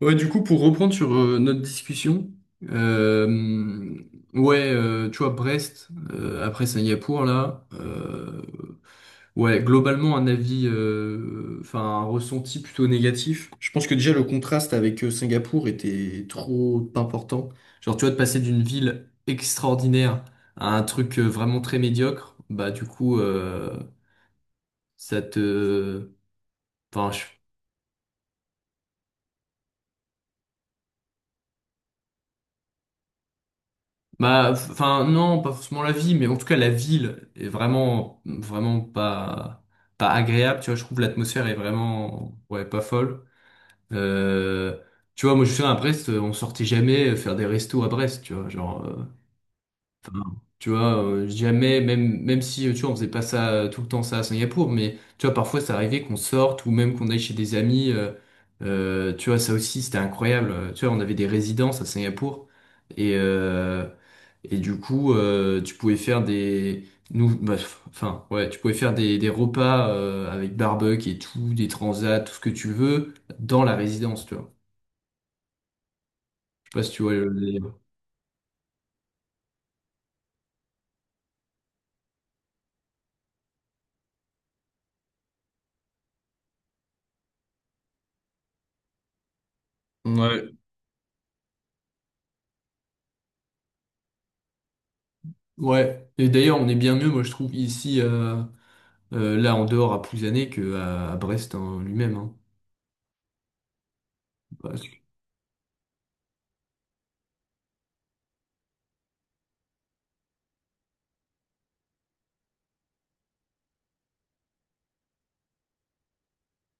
Ouais, du coup, pour reprendre sur notre discussion, euh, ouais, tu vois, Brest, après Singapour, là, ouais, globalement, un avis, enfin, un ressenti plutôt négatif. Je pense que déjà, le contraste avec Singapour était trop important. Genre, tu vois, de passer d'une ville extraordinaire à un truc vraiment très médiocre, bah, du coup, ça te... Enfin, bah, enfin, non, pas forcément la vie, mais en tout cas, la ville est vraiment, vraiment pas agréable, tu vois, je trouve l'atmosphère est vraiment, ouais, pas folle. Euh, Tu vois, moi, je suis à Brest, on sortait jamais faire des restos à Brest, tu vois, genre, tu vois, jamais, même si, tu vois, on faisait pas ça tout le temps, ça à Singapour, mais tu vois, parfois, ça arrivait qu'on sorte ou même qu'on aille chez des amis. Tu vois, ça aussi, c'était incroyable. Tu vois, on avait des résidences à Singapour et, euh, et du coup, tu pouvais faire des, nous, bah, f- enfin, ouais, tu pouvais faire des, repas avec barbecue et tout, des transats, tout ce que tu veux, dans la résidence, tu vois. Je sais pas si tu vois le délire. Ouais. Ouais, et d'ailleurs on est bien mieux, moi je trouve, ici, là, en dehors à Plouzané que à Brest en lui-même, hein. Parce que-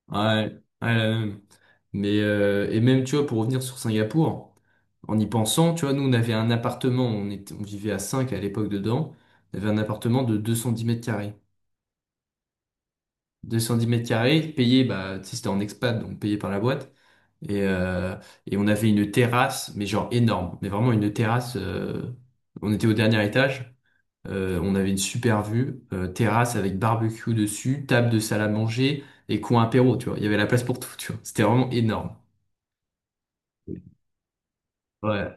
Ouais, ouais, la même. Mais et même, tu vois, pour revenir sur Singapour, en y pensant, tu vois, nous, on avait un appartement, on vivait à 5 à l'époque dedans, on avait un appartement de 210 mètres carrés. 210 mètres carrés, payé, bah, tu sais, c'était en expat, donc payé par la boîte. Et, euh, et on avait une terrasse, mais genre énorme, mais vraiment une terrasse. On était au dernier étage. On avait une super vue, terrasse avec barbecue dessus, table de salle à manger et coin apéro, tu vois. Il y avait la place pour tout, tu vois. C'était vraiment énorme. Ouais.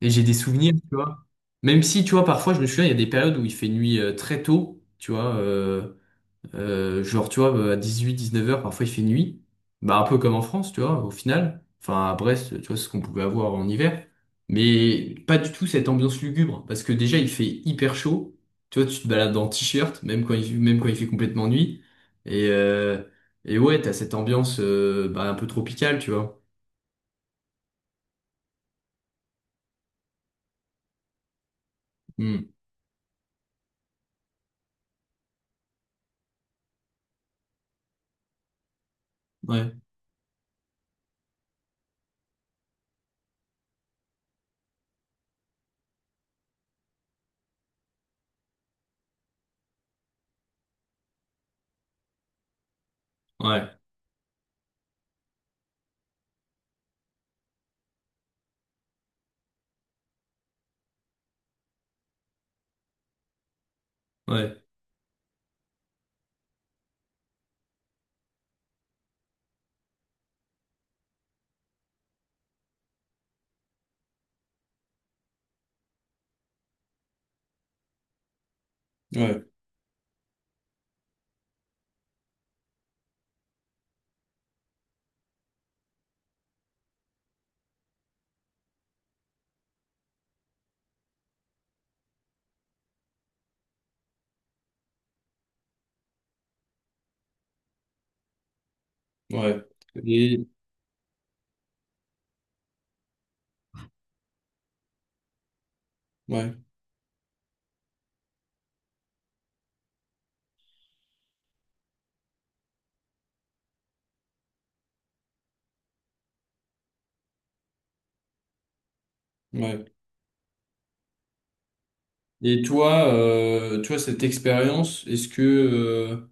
Et j'ai des souvenirs, tu vois. Même si, tu vois, parfois, je me souviens, il y a des périodes où il fait nuit très tôt, tu vois. Genre, tu vois, à 18-19 heures parfois il fait nuit. Bah, un peu comme en France, tu vois, au final. Enfin, à Brest, tu vois, c'est ce qu'on pouvait avoir en hiver. Mais pas du tout cette ambiance lugubre. Parce que déjà, il fait hyper chaud. Tu vois, tu te balades en t-shirt, même quand il fait complètement nuit. Et, euh, et ouais, t'as cette ambiance bah, un peu tropicale, tu vois. Hmm. Ouais, ouais, ouais. Ouais, ouais. Et, ouais, ouais. Et toi, toi, cette expérience, est-ce que,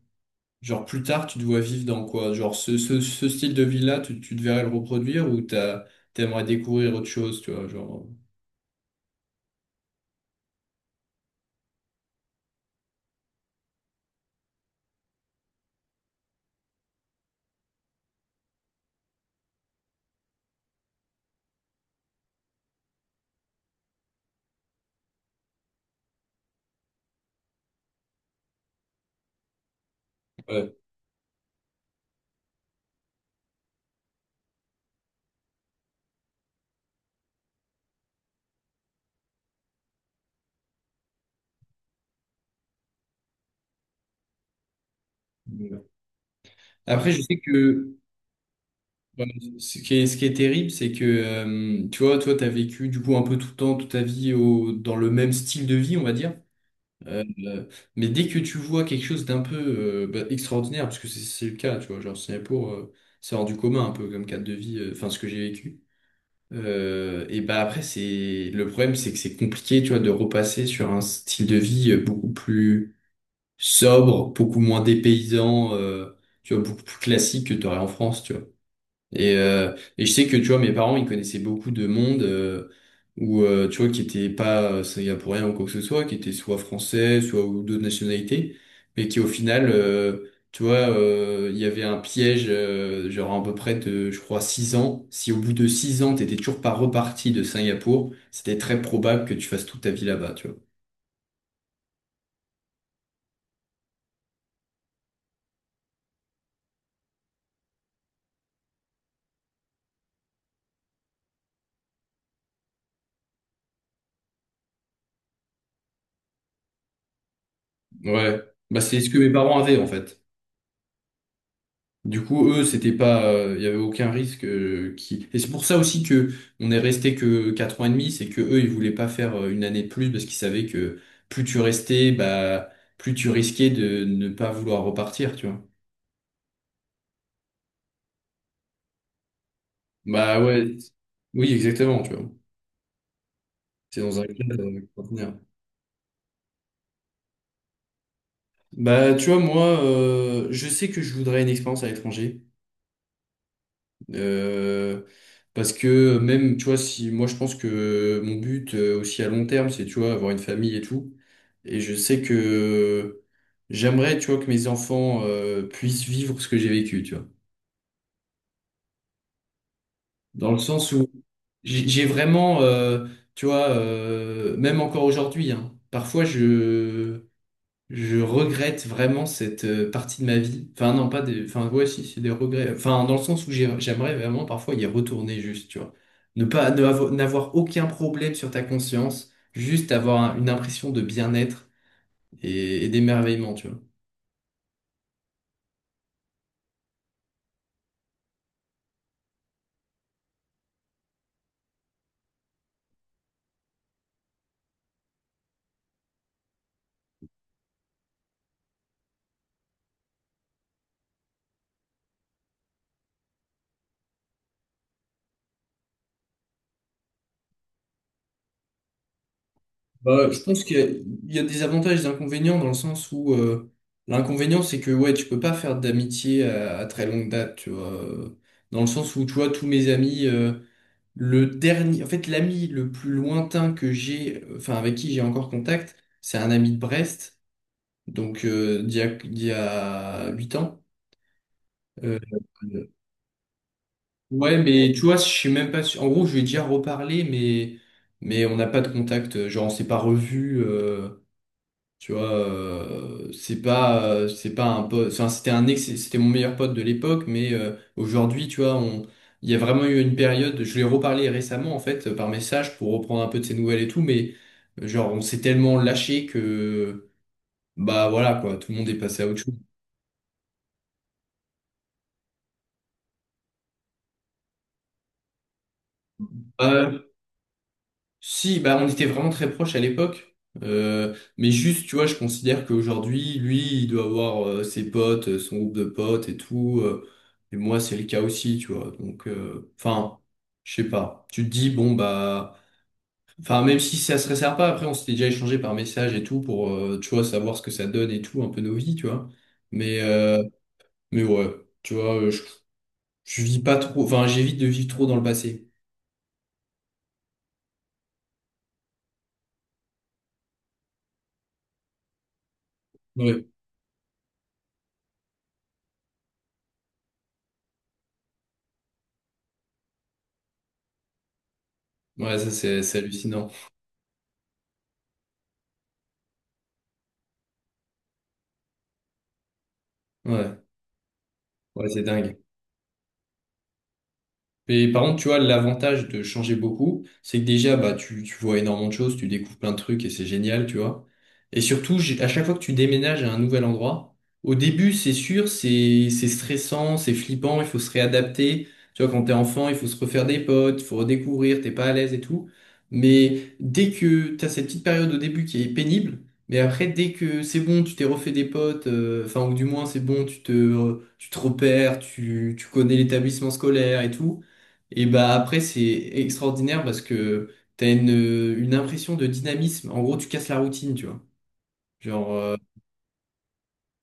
genre plus tard, tu te vois vivre dans quoi? Genre ce style de vie-là, tu te verrais le reproduire ou t'aimerais découvrir autre chose, tu vois, genre. Ouais. Après, je sais que ouais, ce qui est terrible, c'est que tu vois, toi, t'as vécu du coup un peu tout le temps, toute ta vie dans le même style de vie, on va dire. Euh, euh, mais dès que tu vois quelque chose d'un peu bah, extraordinaire, parce que c'est le cas, tu vois, genre Singapour, c'est hors du commun un peu comme cadre de vie, enfin ce que j'ai vécu. Et bah après, c'est le problème, c'est que c'est compliqué, tu vois, de repasser sur un style de vie beaucoup plus sobre, beaucoup moins dépaysant, tu vois, beaucoup plus classique que tu aurais en France, tu vois. Et, et je sais que, tu vois, mes parents, ils connaissaient beaucoup de monde où, tu vois, qui était pas ça y a pour rien ou quoi que ce soit, qui était soit français, soit ou d'autres nationalités, mais qui, au final, tu vois, il y avait un piège, genre à peu près de, je crois, 6 ans. Si au bout de 6 ans, t'étais toujours pas reparti de Singapour, c'était très probable que tu fasses toute ta vie là-bas, tu vois. Ouais. Bah, c'est ce que mes parents avaient, en fait. Du coup, eux, c'était pas, il y avait aucun risque qui. Et c'est pour ça aussi que on est resté que 4 ans et demi, c'est que eux, ils voulaient pas faire une année de plus parce qu'ils savaient que plus tu restais, bah, plus tu risquais de ne pas vouloir repartir, tu vois. Bah ouais, oui, exactement, tu vois. C'est dans un cadre contenir. Bah, tu vois, moi, je sais que je voudrais une expérience à l'étranger. Euh, Parce que même, tu vois, si moi je pense que mon but aussi à long terme, c'est, tu vois, avoir une famille et tout. Et je sais que j'aimerais, tu vois, que mes enfants puissent vivre ce que j'ai vécu, tu vois. Dans le sens où j'ai vraiment, tu vois, même encore aujourd'hui, hein, parfois je regrette vraiment cette partie de ma vie. Enfin, non, pas des. Enfin, ouais, si, c'est des regrets. Enfin, dans le sens où j'aimerais vraiment parfois y retourner juste, tu vois. Ne pas, ne avo- N'avoir aucun problème sur ta conscience, juste avoir une impression de bien-être et d'émerveillement, tu vois. Bah, je pense qu'il y a des avantages et des inconvénients dans le sens où l'inconvénient, c'est que, ouais, tu peux pas faire d'amitié à, très longue date, tu vois. Dans le sens où, tu vois, tous mes amis. Le dernier, en fait, l'ami le plus lointain que j'ai, enfin avec qui j'ai encore contact, c'est un ami de Brest, donc d'il y a 8 ans. Euh, euh, ouais, mais tu vois, je suis même pas sûr. En gros, je lui ai déjà reparlé, mais on n'a pas de contact. Genre, on s'est pas revu. Tu vois, c'est pas un pote. Enfin, c'était un ex, c'était mon meilleur pote de l'époque, mais aujourd'hui, tu vois, il y a vraiment eu une période. Je lui ai reparlé récemment, en fait, par message pour reprendre un peu de ses nouvelles et tout, mais genre, on s'est tellement lâché que, bah voilà, quoi, tout le monde est passé à autre chose. Ouais, si, bah, on était vraiment très proches à l'époque. Mais juste, tu vois, je considère qu'aujourd'hui, lui, il doit avoir ses potes, son groupe de potes et tout. Et moi, c'est le cas aussi, tu vois. Donc, enfin, je sais pas. Tu te dis, bon, bah, enfin, même si ça se resserre pas, après, on s'était déjà échangé par message et tout pour, tu vois, savoir ce que ça donne et tout, un peu nos vies, tu vois. Mais, Mais ouais, tu vois, je vis pas trop, enfin, j'évite de vivre trop dans le passé. Ouais, ouais, ça, c'est hallucinant. Ouais, ouais, c'est dingue. Mais par contre, tu vois, l'avantage de changer beaucoup, c'est que déjà, bah, tu vois énormément de choses, tu découvres plein de trucs et c'est génial, tu vois. Et surtout, à chaque fois que tu déménages à un nouvel endroit, au début, c'est sûr, c'est stressant, c'est flippant, il faut se réadapter. Tu vois, quand t'es enfant, il faut se refaire des potes, il faut redécouvrir, t'es pas à l'aise et tout. Mais dès que t'as cette petite période au début qui est pénible, mais après, dès que c'est bon, tu t'es refait des potes, enfin, ou du moins, c'est bon, tu te repères, tu connais l'établissement scolaire et tout. Et bah après, c'est extraordinaire parce que t'as une impression de dynamisme. En gros, tu casses la routine, tu vois. Genre,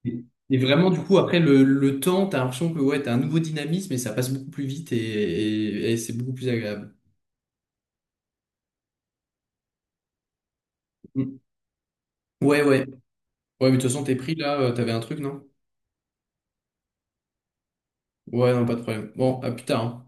et vraiment, du coup, après le temps, t'as l'impression que ouais, t'as un nouveau dynamisme et ça passe beaucoup plus vite et c'est beaucoup plus agréable. Mm. Ouais, ouais. Ouais, mais de toute façon, t'es pris là, t'avais un truc, non? Ouais, non, pas de problème. Bon, à plus tard, hein.